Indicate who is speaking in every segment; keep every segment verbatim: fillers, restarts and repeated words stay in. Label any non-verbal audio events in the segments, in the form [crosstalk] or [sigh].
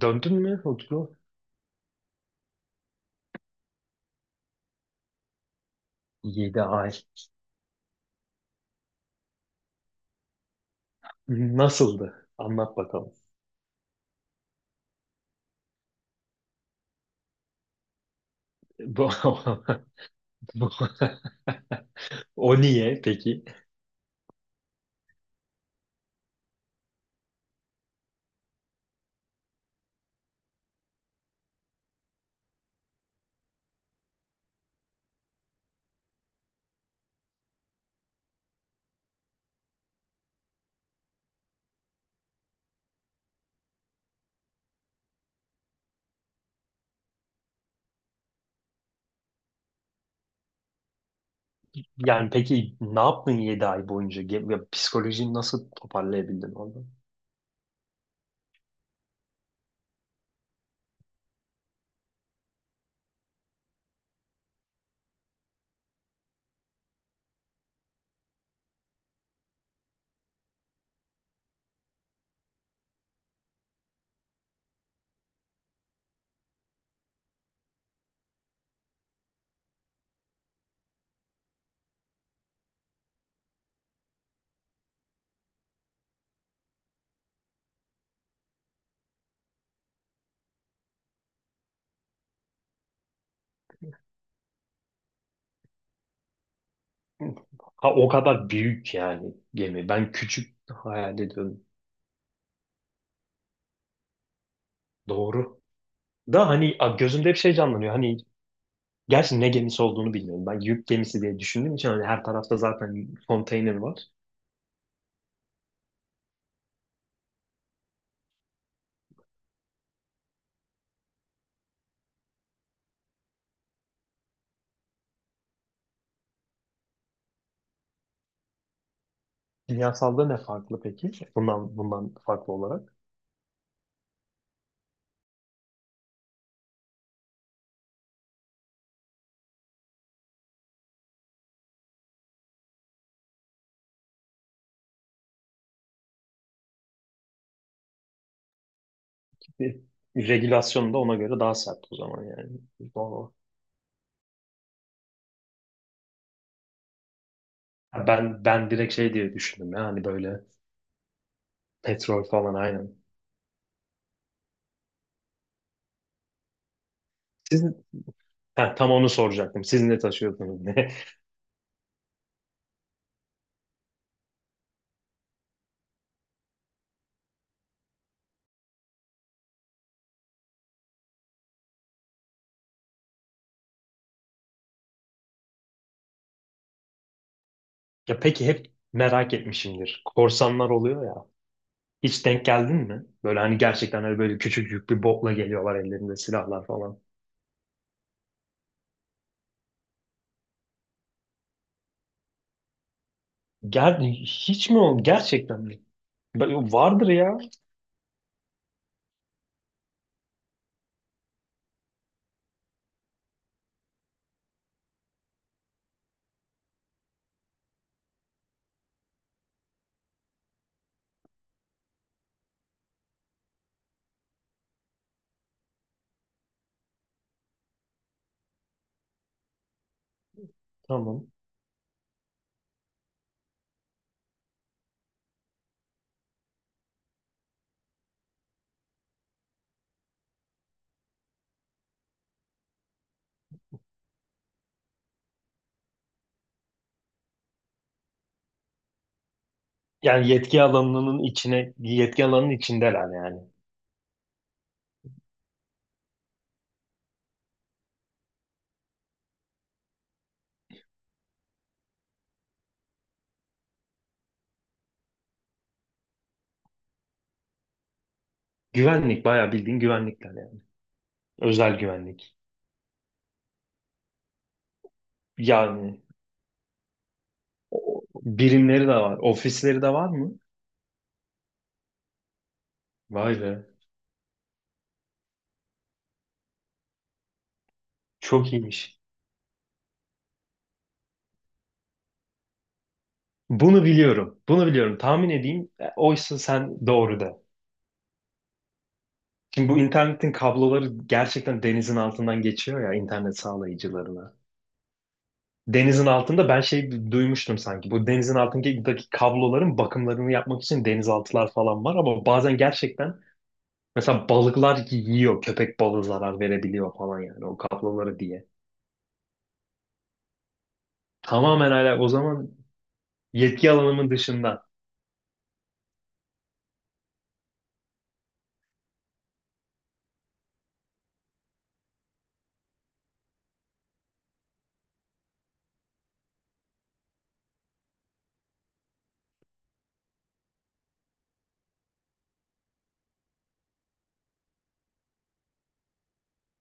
Speaker 1: Döndün mü, Utku? Yedi ay. Nasıldı? Anlat bakalım. Bu, [laughs] bu, o niye peki? Yani peki ne yaptın yedi ay boyunca? Ge- ya Psikolojini nasıl toparlayabildin orada? Ha, o kadar büyük yani gemi. Ben küçük hayal ediyorum. Doğru. Da hani a, gözümde hep şey canlanıyor. Hani, gerçi ne gemisi olduğunu bilmiyorum. Ben yük gemisi diye düşündüğüm için hani her tarafta zaten konteyner var. Kimyasalda ne farklı peki? Bundan bundan farklı olarak. Bir, regülasyon da ona göre daha sert o zaman yani. Doğru. Ha, Ben ben direkt şey diye düşündüm ya hani böyle. Petrol falan aynen. Siz, ha, tam onu soracaktım. Siz ne taşıyordunuz, ne? [laughs] Ya peki, hep merak etmişimdir, korsanlar oluyor ya. Hiç denk geldin mi? Böyle hani gerçekten öyle böyle küçük küçücük bir botla geliyorlar, ellerinde silahlar falan. Ger hiç mi oldu? Gerçekten mi? Ben- Vardır ya. Tamam. Yani yetki alanının içine, yetki alanının içindeler yani. Güvenlik bayağı bildiğin güvenlikler yani. Özel güvenlik. Yani birimleri de var, ofisleri de var mı? Vay be. Çok iyiymiş. Bunu biliyorum. Bunu biliyorum. Tahmin edeyim. E, Oysa sen doğru de. Şimdi bu internetin kabloları gerçekten denizin altından geçiyor ya, internet sağlayıcılarına. Denizin altında ben şey duymuştum sanki. Bu denizin altındaki kabloların bakımlarını yapmak için denizaltılar falan var, ama bazen gerçekten mesela balıklar yiyor. Köpek balığı zarar verebiliyor falan yani, o kabloları diye. Tamamen hala o zaman yetki alanımın dışında.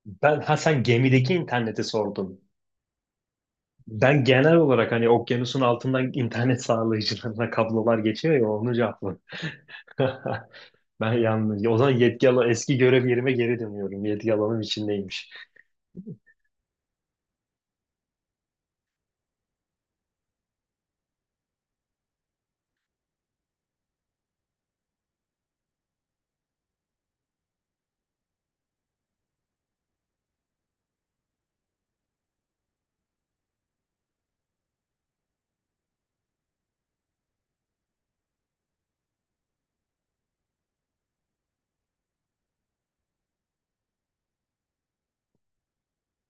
Speaker 1: Ben, ha, sen gemideki interneti sordun. Ben genel olarak hani okyanusun altından internet sağlayıcılarına kablolar geçiyor ya, onu cevapladım. [laughs] Ben yalnız. O zaman yetki alan, eski görev yerime geri dönüyorum. Yetki alanım içindeymiş.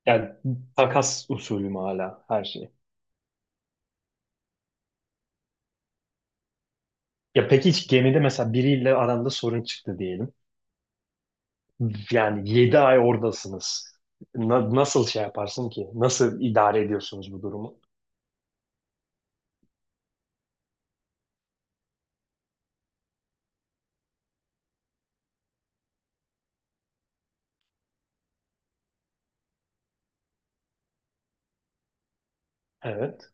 Speaker 1: Yani takas usulüm hala her şey. Ya peki hiç gemide mesela biriyle aranda sorun çıktı diyelim. Yani yedi ay oradasınız. Na- nasıl şey yaparsın ki? Nasıl idare ediyorsunuz bu durumu? Evet.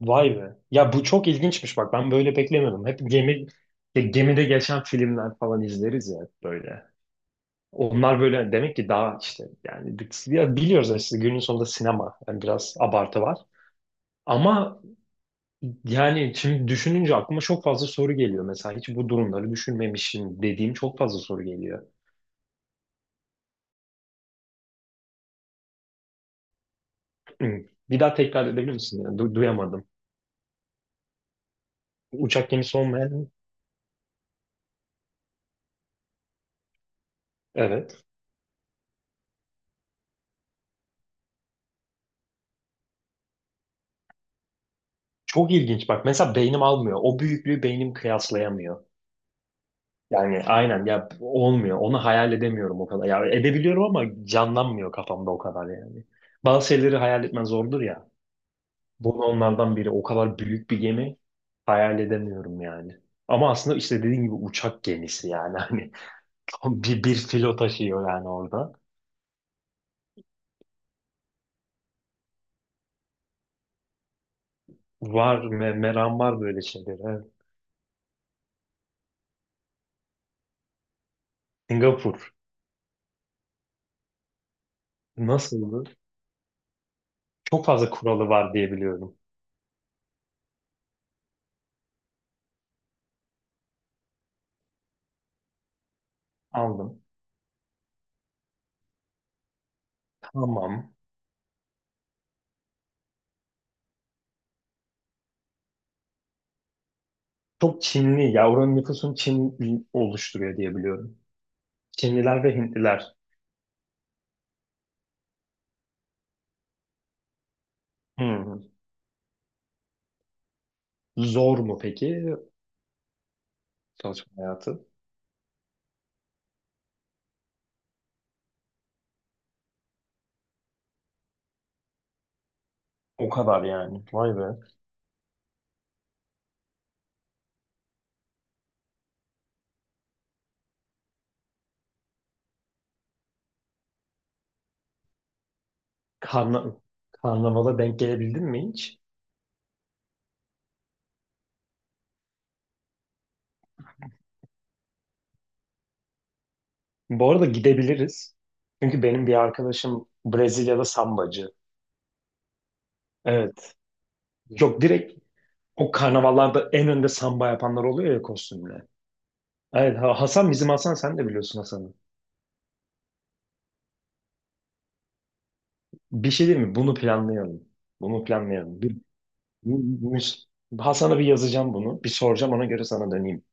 Speaker 1: Vay be. Ya bu çok ilginçmiş bak. Ben böyle beklemiyordum. Hep gemi, gemide geçen filmler falan izleriz ya böyle. Onlar böyle demek ki daha işte yani bi- ya biliyoruz aslında, günün sonunda sinema, yani biraz abartı var. Ama yani şimdi düşününce aklıma çok fazla soru geliyor. Mesela hiç bu durumları düşünmemişim dediğim çok fazla soru geliyor. Hı. Bir daha tekrar edebilir misin? Yani du- duyamadım. Uçak gemisi olmayan, evet. Çok ilginç bak, mesela beynim almıyor. O büyüklüğü beynim kıyaslayamıyor. Yani aynen ya, olmuyor. Onu hayal edemiyorum o kadar. Ya edebiliyorum ama canlanmıyor kafamda o kadar yani. Bazı şeyleri hayal etmen zordur ya. Bu da onlardan biri. O kadar büyük bir gemi hayal edemiyorum yani. Ama aslında işte dediğim gibi uçak gemisi yani [laughs] hani tam bir, bir filo taşıyor yani orada. Var, me meram var böyle şeylere. Evet. Singapur nasıldı? Çok fazla kuralı var diye biliyorum. Aldım. Tamam. Çok Çinli ya, oranın nüfusunu Çin oluşturuyor diye biliyorum. Çinliler ve Hintliler. Hı hı. Zor mu peki çalışma hayatı? O kadar yani. Vay be. Karna Karnavala denk gelebildin mi hiç? Bu arada gidebiliriz. Çünkü benim bir arkadaşım Brezilya'da sambacı. Evet. Yok, direkt o karnavallarda en önde samba yapanlar oluyor ya, kostümle. Evet, Ha- Hasan, bizim Hasan, sen de biliyorsun Hasan'ı. Bir şey değil mi? Bunu planlayalım. Bunu planlayalım. Bir, bu- bu- Hasan'a bir yazacağım bunu. Bir soracağım, ona göre sana döneyim.